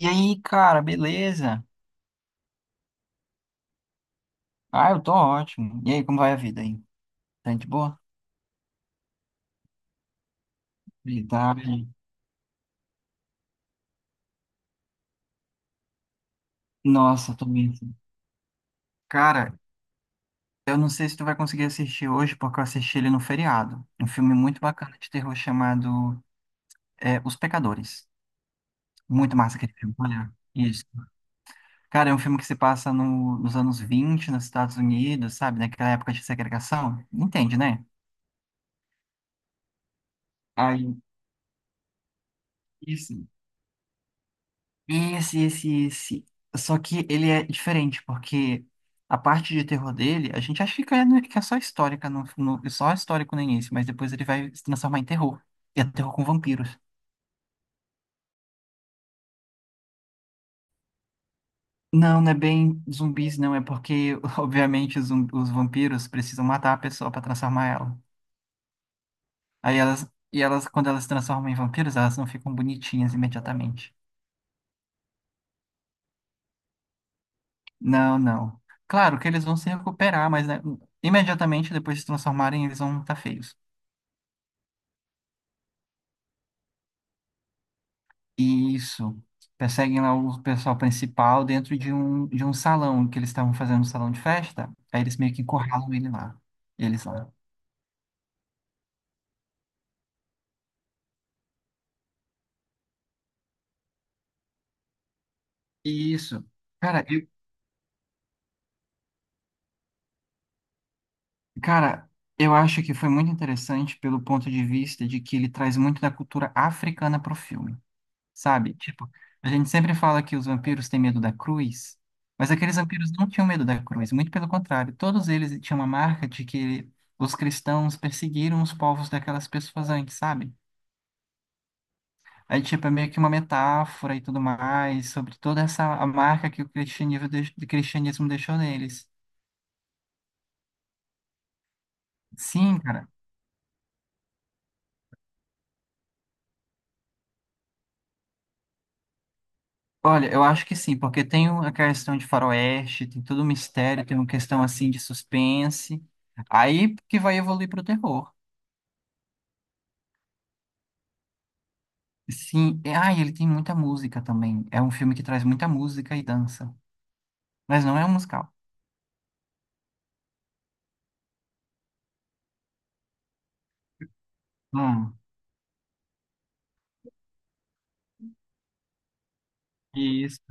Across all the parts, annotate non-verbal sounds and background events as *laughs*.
E aí, cara, beleza? Ah, eu tô ótimo. E aí, como vai a vida aí? Tá de boa? Verdade. Nossa, tô bem. Cara, eu não sei se tu vai conseguir assistir hoje, porque eu assisti ele no feriado. Um filme muito bacana de terror chamado é, Os Pecadores. Muito massa aquele filme, olha. Isso. Cara, é um filme que se passa nos anos 20, nos Estados Unidos, sabe? Naquela época de segregação. Entende, né? Aí, isso. Esse. Só que ele é diferente, porque a parte de terror dele, a gente acha que é, né, que é só histórica, só histórico no início, mas depois ele vai se transformar em terror. E é terror com vampiros. Não, não é bem zumbis, não. É porque, *laughs* obviamente, os vampiros precisam matar a pessoa para transformar ela. Aí elas, e elas, quando elas se transformam em vampiros, elas não ficam bonitinhas imediatamente. Não, não. Claro que eles vão se recuperar, mas né, imediatamente depois de se transformarem, eles vão estar feios. Isso. Perseguem lá o pessoal principal dentro de um salão que eles estavam fazendo um salão de festa. Aí eles meio que encurralam ele lá. Eles lá. Isso. Cara, eu, cara, eu acho que foi muito interessante pelo ponto de vista de que ele traz muito da cultura africana pro filme, sabe? Tipo, a gente sempre fala que os vampiros têm medo da cruz, mas aqueles vampiros não tinham medo da cruz, muito pelo contrário, todos eles tinham uma marca de que os cristãos perseguiram os povos daquelas pessoas antes, sabe? Aí, tipo, é meio que uma metáfora e tudo mais, sobre toda essa a marca que o cristianismo, o cristianismo deixou neles. Sim, cara. Olha, eu acho que sim, porque tem a questão de faroeste, tem todo o mistério, tem uma questão, assim, de suspense. Aí que vai evoluir para o terror. Sim, e ele tem muita música também. É um filme que traz muita música e dança, mas não é um musical. Hum, isso,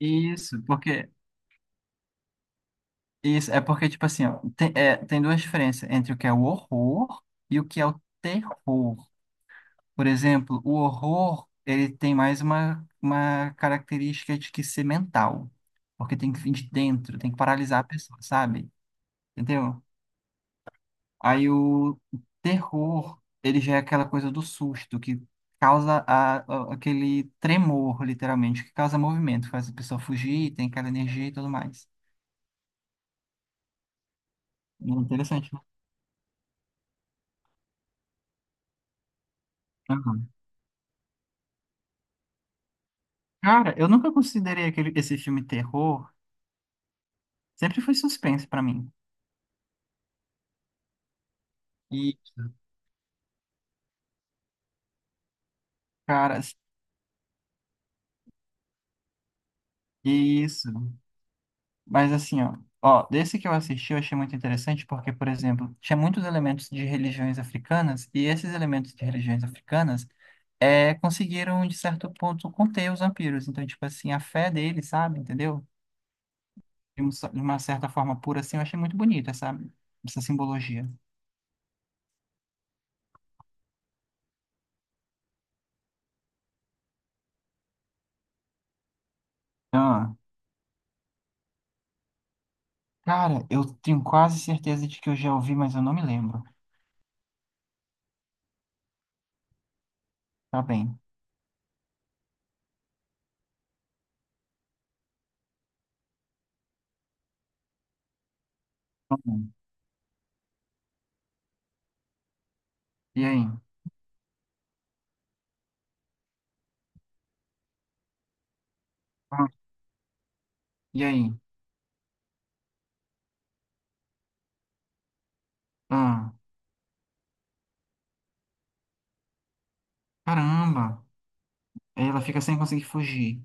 isso, porque isso, é porque, tipo assim, ó, tem, é, tem duas diferenças entre o que é o horror e o que é o terror. Por exemplo, o horror, ele tem mais uma característica de que ser mental, porque tem que vir de dentro, tem que paralisar a pessoa, sabe? Entendeu? Aí o terror, ele já é aquela coisa do susto, que causa aquele tremor, literalmente, que causa movimento, faz a pessoa fugir, tem aquela energia e tudo mais. Interessante, né? Cara, eu nunca considerei aquele, esse filme terror. Sempre foi suspense pra mim. E, cara, isso. Mas assim, ó, ó, desse que eu assisti eu achei muito interessante porque, por exemplo, tinha muitos elementos de religiões africanas e esses elementos de religiões africanas é, conseguiram, de certo ponto, conter os vampiros. Então, tipo assim, a fé deles, sabe? Entendeu? De uma certa forma pura, assim, eu achei muito bonita essa, essa simbologia. Ah, cara, eu tenho quase certeza de que eu já ouvi, mas eu não me lembro. Tá bem. Hum. E aí? Ah, e aí? Ah, caramba! Aí ela fica sem conseguir fugir.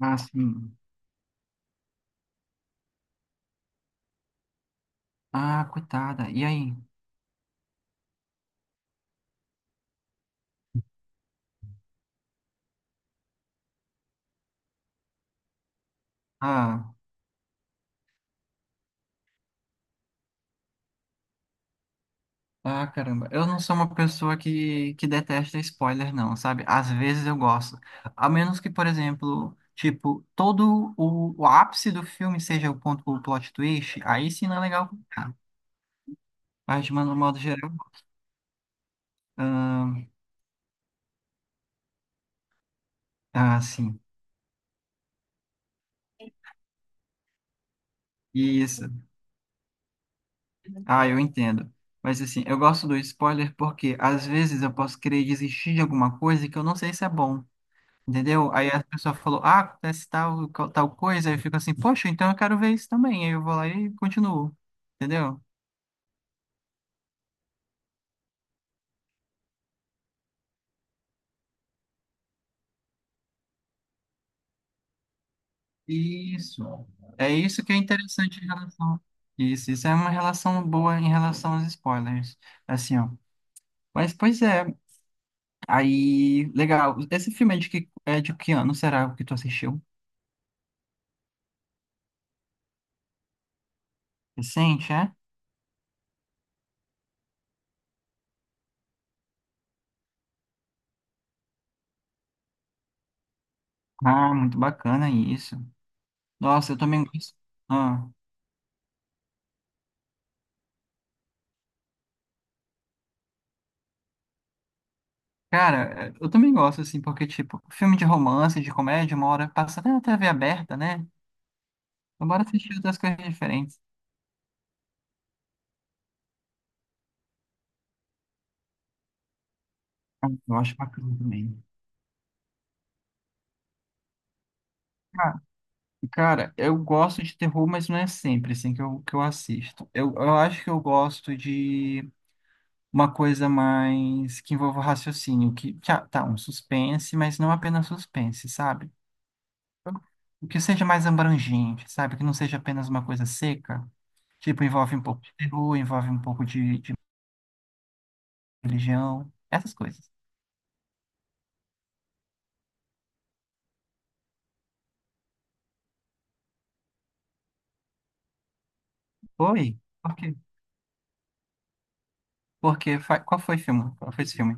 Ah, sim. Ah, coitada. E aí? Ah, ah, caramba. Eu não sou uma pessoa que detesta spoiler, não, sabe? Às vezes eu gosto. A menos que, por exemplo, tipo, todo o ápice do filme seja o ponto, o plot twist, aí sim não é legal. Ah, mas, de modo modo geral, ah, sim. Isso. Ah, eu entendo. Mas assim, eu gosto do spoiler porque às vezes eu posso querer desistir de alguma coisa que eu não sei se é bom, entendeu? Aí a pessoa falou, ah, acontece tal, tal coisa, aí eu fico assim, poxa, então eu quero ver isso também. Aí eu vou lá e continuo, entendeu? Isso. É isso que é interessante em relação. Isso é uma relação boa em relação aos spoilers. Assim, ó. Mas pois é, aí, legal. Esse filme é é de que ano será o que tu assistiu? Recente, é? Ah, muito bacana isso. Nossa, eu também gosto. Ah, cara, eu também gosto, assim, porque, tipo, filme de romance, de comédia, uma hora passa até na TV aberta, né? Então, bora assistir outras coisas diferentes. Ah, eu acho bacana também. Ah, cara, eu gosto de terror, mas não é sempre, assim, que eu assisto. Eu acho que eu gosto de uma coisa mais que envolva raciocínio, que, um suspense, mas não apenas suspense, sabe? O que seja mais abrangente, sabe? Que não seja apenas uma coisa seca. Tipo, envolve um pouco de peru, envolve um pouco de religião, essas coisas. Oi? Por quê? Porque, qual foi o filme? Qual foi esse filme?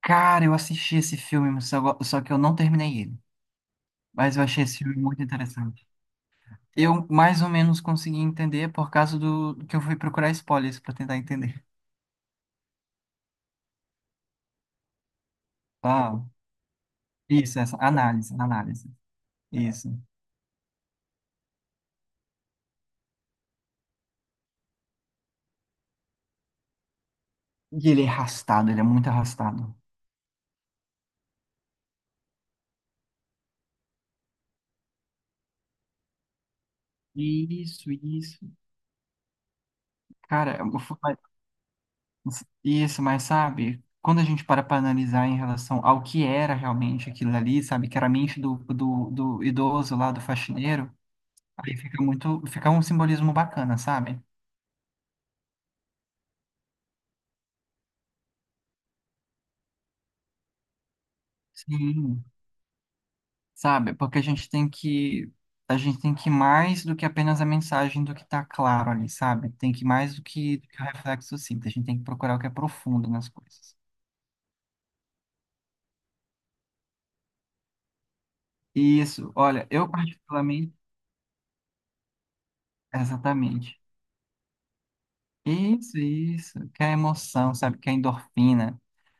Cara, eu assisti esse filme, mas só, que eu não terminei ele. Mas eu achei esse filme muito interessante. Eu mais ou menos consegui entender por causa do que eu fui procurar spoilers para tentar entender. Uau. Isso, essa análise, análise. Isso. E ele é arrastado, ele é muito arrastado. Isso, isso. Cara, eu fui isso, mas sabe, quando a gente para analisar em relação ao que era realmente aquilo ali, sabe, que era a mente do idoso lá, do faxineiro, aí fica muito, fica um simbolismo bacana, sabe? Sim, sabe, porque a gente tem que ir mais do que apenas a mensagem do que tá claro ali, sabe? Tem que ir mais do que o reflexo simples, a gente tem que procurar o que é profundo nas coisas. Isso, olha, eu particularmente, exatamente. Isso, que é emoção, sabe, que é endorfina.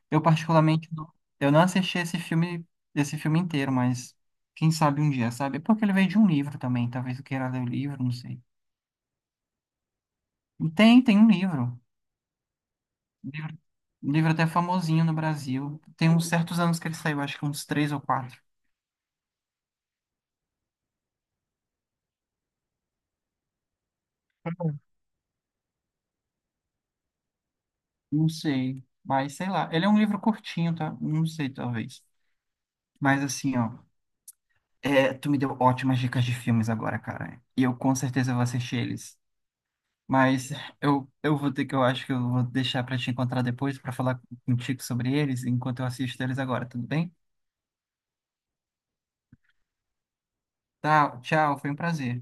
Eu particularmente não, eu não assisti esse filme inteiro, mas quem sabe um dia, sabe? Porque ele veio de um livro também, talvez eu queira ler o livro, não sei. Tem um livro, um livro, um livro até famosinho no Brasil. Tem uns certos anos que ele saiu, acho que uns três ou quatro. Não sei, mas sei lá. Ele é um livro curtinho, tá? Não sei, talvez. Mas assim, ó, é, tu me deu ótimas dicas de filmes agora, cara. E eu com certeza vou assistir eles. Mas eu vou ter que, eu acho que eu vou deixar para te encontrar depois para falar contigo sobre eles, enquanto eu assisto eles agora, tudo bem? Tá, tchau, foi um prazer.